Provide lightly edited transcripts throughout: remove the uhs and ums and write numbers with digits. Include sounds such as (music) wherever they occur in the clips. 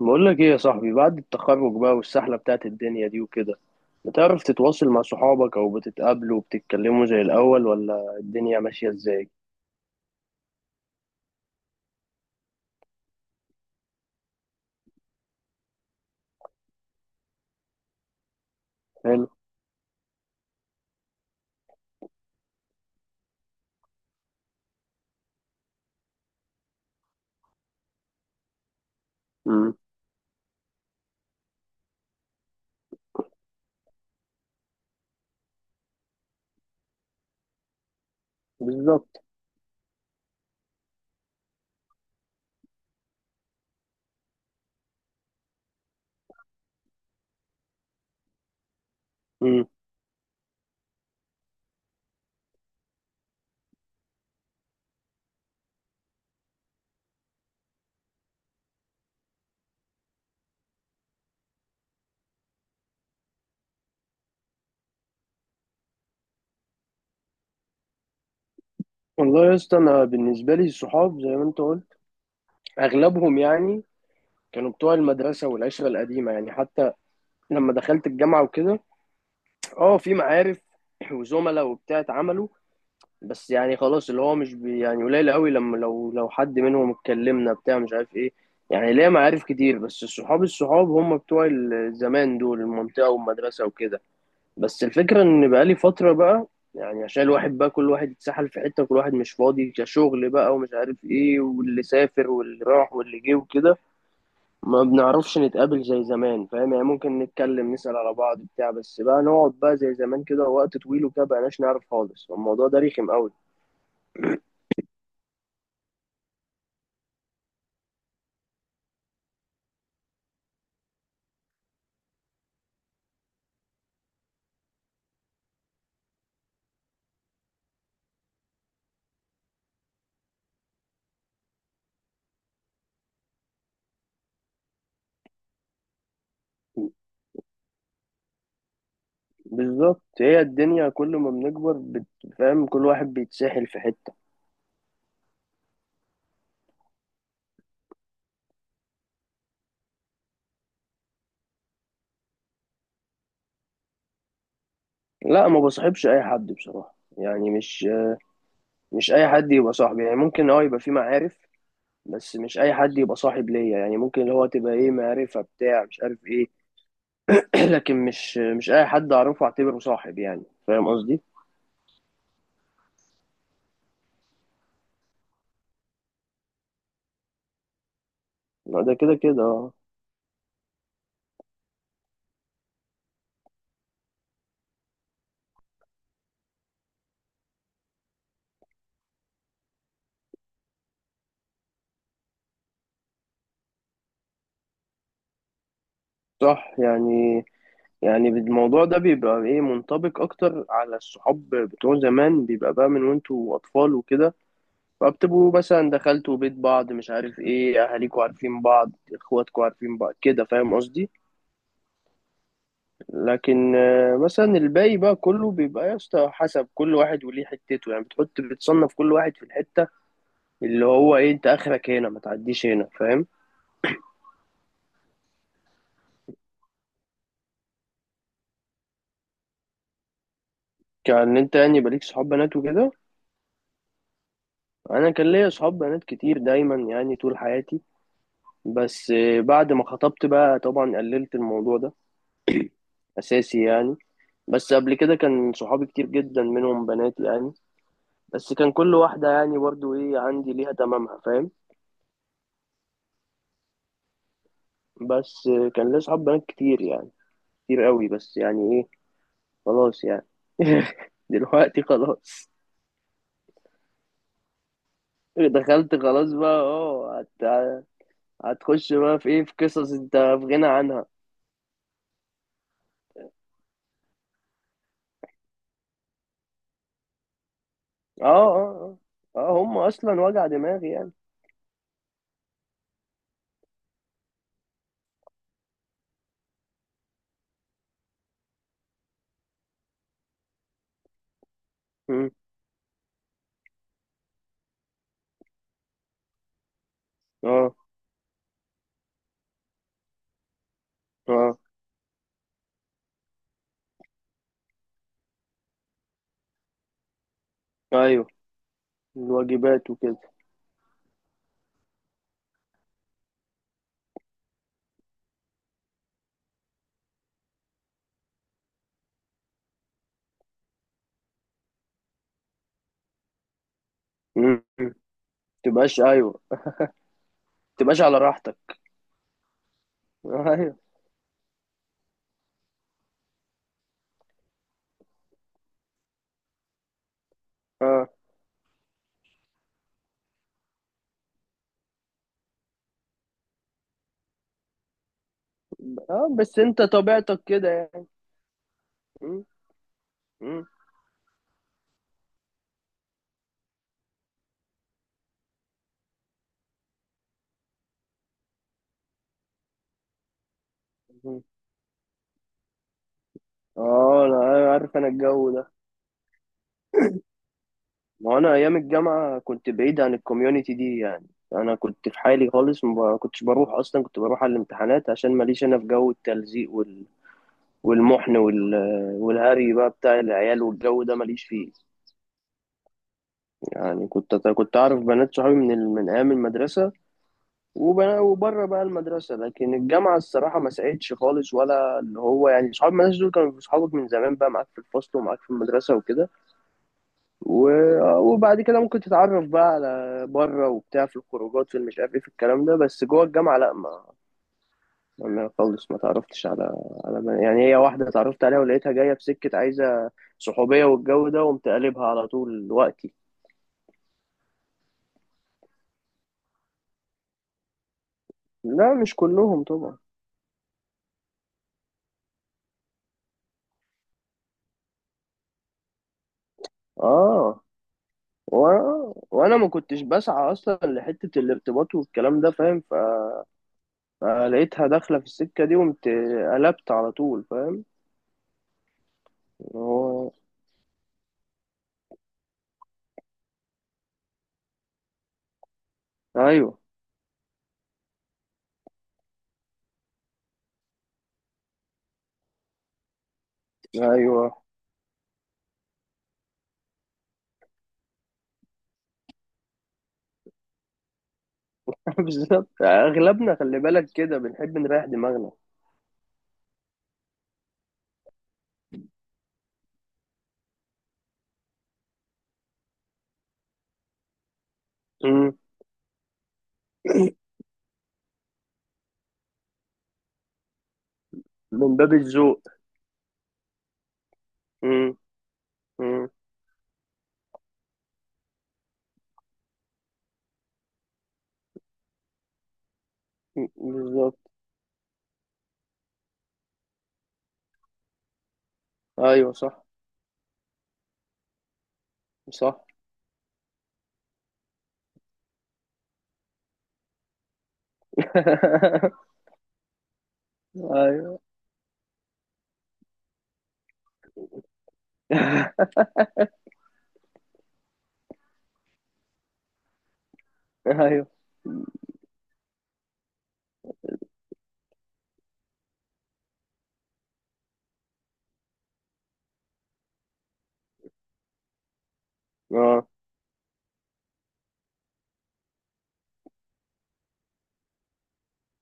بقول لك ايه يا صاحبي، بعد التخرج بقى والسحلة بتاعت الدنيا دي وكده، بتعرف تتواصل مع صحابك او بتتقابلوا وبتتكلموا زي الاول، ولا الدنيا ماشية ازاي؟ حلو. امم. بالظبط. امم. والله يا اسطى، انا بالنسبة لي الصحاب زي ما انت قلت، اغلبهم يعني كانوا بتوع المدرسة والعشرة القديمة، يعني حتى لما دخلت الجامعة وكده، اه في معارف وزملاء وبتاع اتعملوا، بس يعني خلاص اللي هو مش بي، يعني قليل قوي، لما لو حد منهم اتكلمنا بتاع مش عارف ايه. يعني ليا معارف كتير، بس الصحاب الصحاب هم بتوع الزمان دول، المنطقة والمدرسة وكده. بس الفكرة ان بقالي فترة بقى، يعني عشان الواحد بقى، كل واحد اتسحل في حتة، كل واحد مش فاضي كشغل بقى ومش عارف ايه، واللي سافر واللي راح واللي جه وكده، ما بنعرفش نتقابل زي زمان فاهم يعني. ممكن نتكلم نسأل على بعض بتاع، بس بقى نقعد بقى زي زمان كده وقت طويل وكده بقناش نعرف خالص. الموضوع ده رخم قوي. بالظبط، هي الدنيا كل ما بنكبر فاهم، كل واحد بيتسحل في حتة. لا، ما بصاحبش اي حد بصراحة، يعني مش اي حد يبقى صاحبي، يعني ممكن يبقى في معارف، بس مش اي حد يبقى صاحب ليا، يعني ممكن اللي هو تبقى ايه معرفة بتاع مش عارف ايه. (clears throat) لكن مش اي حد اعرفه اعتبره صاحب، يعني فاهم قصدي. لا، ده كده كده اه. صح يعني. يعني الموضوع ده بيبقى ايه منطبق اكتر على الصحاب بتوع زمان، بيبقى بقى من وانتوا اطفال وكده، فبتبقوا مثلا دخلتوا بيت بعض مش عارف ايه، اهاليكوا عارفين بعض، اخواتكوا عارفين بعض كده، فاهم قصدي. لكن مثلا الباقي بقى كله بيبقى يا اسطى حسب كل واحد وليه حتته، يعني بتحط بتصنف كل واحد في الحتة، اللي هو ايه انت اخرك هنا ما تعديش هنا فاهم. كان انت يعني يبقى ليك صحاب بنات وكده؟ انا كان ليا صحاب بنات كتير دايما، يعني طول حياتي. بس بعد ما خطبت بقى طبعا قللت الموضوع ده اساسي يعني. بس قبل كده كان صحابي كتير جدا منهم بنات يعني، بس كان كل واحدة يعني برضو ايه عندي ليها تمامها فاهم. بس كان ليا صحاب بنات كتير يعني، كتير قوي، بس يعني ايه، خلاص يعني. (laughs) دلوقتي خلاص. دخلت خلاص بقى هتخش بقى في ايه، في قصص انت في غنى عنها. اه، اه. اه، اه، هم اصلا وجع دماغي يعني. مم. اه، اه، ايوه، الواجبات وكده. مم. تبقاش، ايوه. تبقاش على راحتك. (laughs) ايوه. اه، اه، بس انت طبيعتك كده يعني. مم. مم. مم. اه، أنا عارف انا الجو ده. ما هو انا ايام الجامعه كنت بعيد عن الكوميونتي دي يعني. انا كنت في حالي خالص، ما كنتش بروح اصلا، كنت بروح على الامتحانات عشان ماليش انا في جو التلزيق والمحن والهري بقى بتاع العيال والجو ده ماليش فيه. يعني كنت اعرف بنات صحابي من ايام المدرسه، وبره بقى المدرسه، لكن الجامعه الصراحه ما ساعدتش خالص، ولا اللي هو يعني صحاب المدرسه دول كانوا صحابك من زمان بقى، معاك في الفصل ومعاك في المدرسه وكده، وبعد كده ممكن تتعرف بقى على بره وبتاع في الخروجات، في مش عارف ايه في الكلام ده، بس جوه الجامعة لا ما. انا خالص ما تعرفتش على ما يعني، هي واحدة اتعرفت عليها ولقيتها جاية بسكة عايزة صحوبية والجو ده، وقمت قلبها على طول وقتي. لا، مش كلهم طبعا. اه. وانا ما كنتش بسعى اصلا لحتة الارتباط والكلام ده فاهم، فلقيتها داخلة في السكة دي، وقمت قلبت على طول فاهم. هو. ايوه. ايوه. (laughs) بالظبط اغلبنا خلي بالك كده بنحب نريح دماغنا. مم. من باب الذوق. مم. مم. مم. بالظبط. ايوه، صح. صح. (laughs) ايوه. ايوه. اه.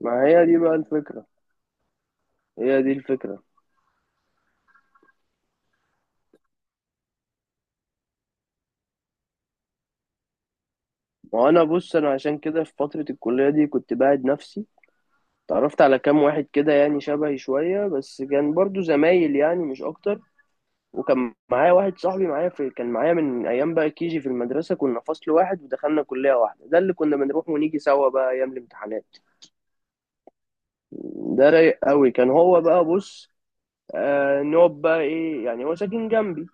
ما هي دي بقى الفكره. هي دي الفكره. وانا بص، انا عشان كده في فتره الكليه دي كنت باعد نفسي، تعرفت على كام واحد كده يعني شبهي شويه، بس كان برضو زمايل يعني مش اكتر، وكان معايا واحد صاحبي معايا في، كان معايا من ايام بقى كيجي في المدرسه، كنا فصل واحد ودخلنا كليه واحده، ده اللي كنا بنروح ونيجي سوا بقى ايام الامتحانات. ده رايق قوي، كان هو بقى بص، نقعد بقى ايه، يعني هو ساكن جنبي،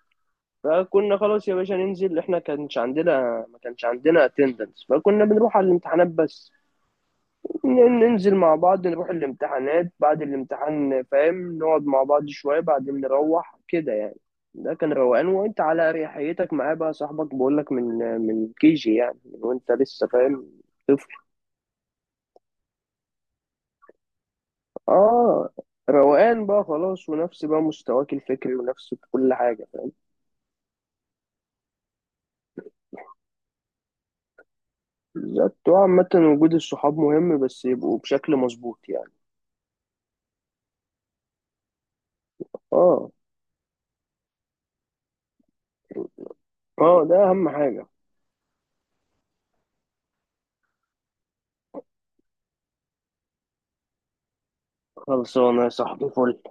فكنا خلاص يا باشا ننزل، احنا كانش عندنا، ما كانش عندنا اتندنس، فكنا بنروح على الامتحانات بس، ننزل مع بعض نروح الامتحانات، بعد الامتحان فاهم نقعد مع بعض شوية، بعدين نروح كده يعني. ده كان روقان وانت على اريحيتك معاه بقى صاحبك، بقولك، من كيجي يعني، من وانت لسه فاهم طفل. اه. روقان بقى خلاص، ونفس بقى مستواك الفكري ونفس كل حاجة. بالظبط، وعامة وجود الصحاب مهم، بس يبقوا بشكل مظبوط يعني. اه. اه، ده اهم حاجة. خلصانة يا صاحبي، فل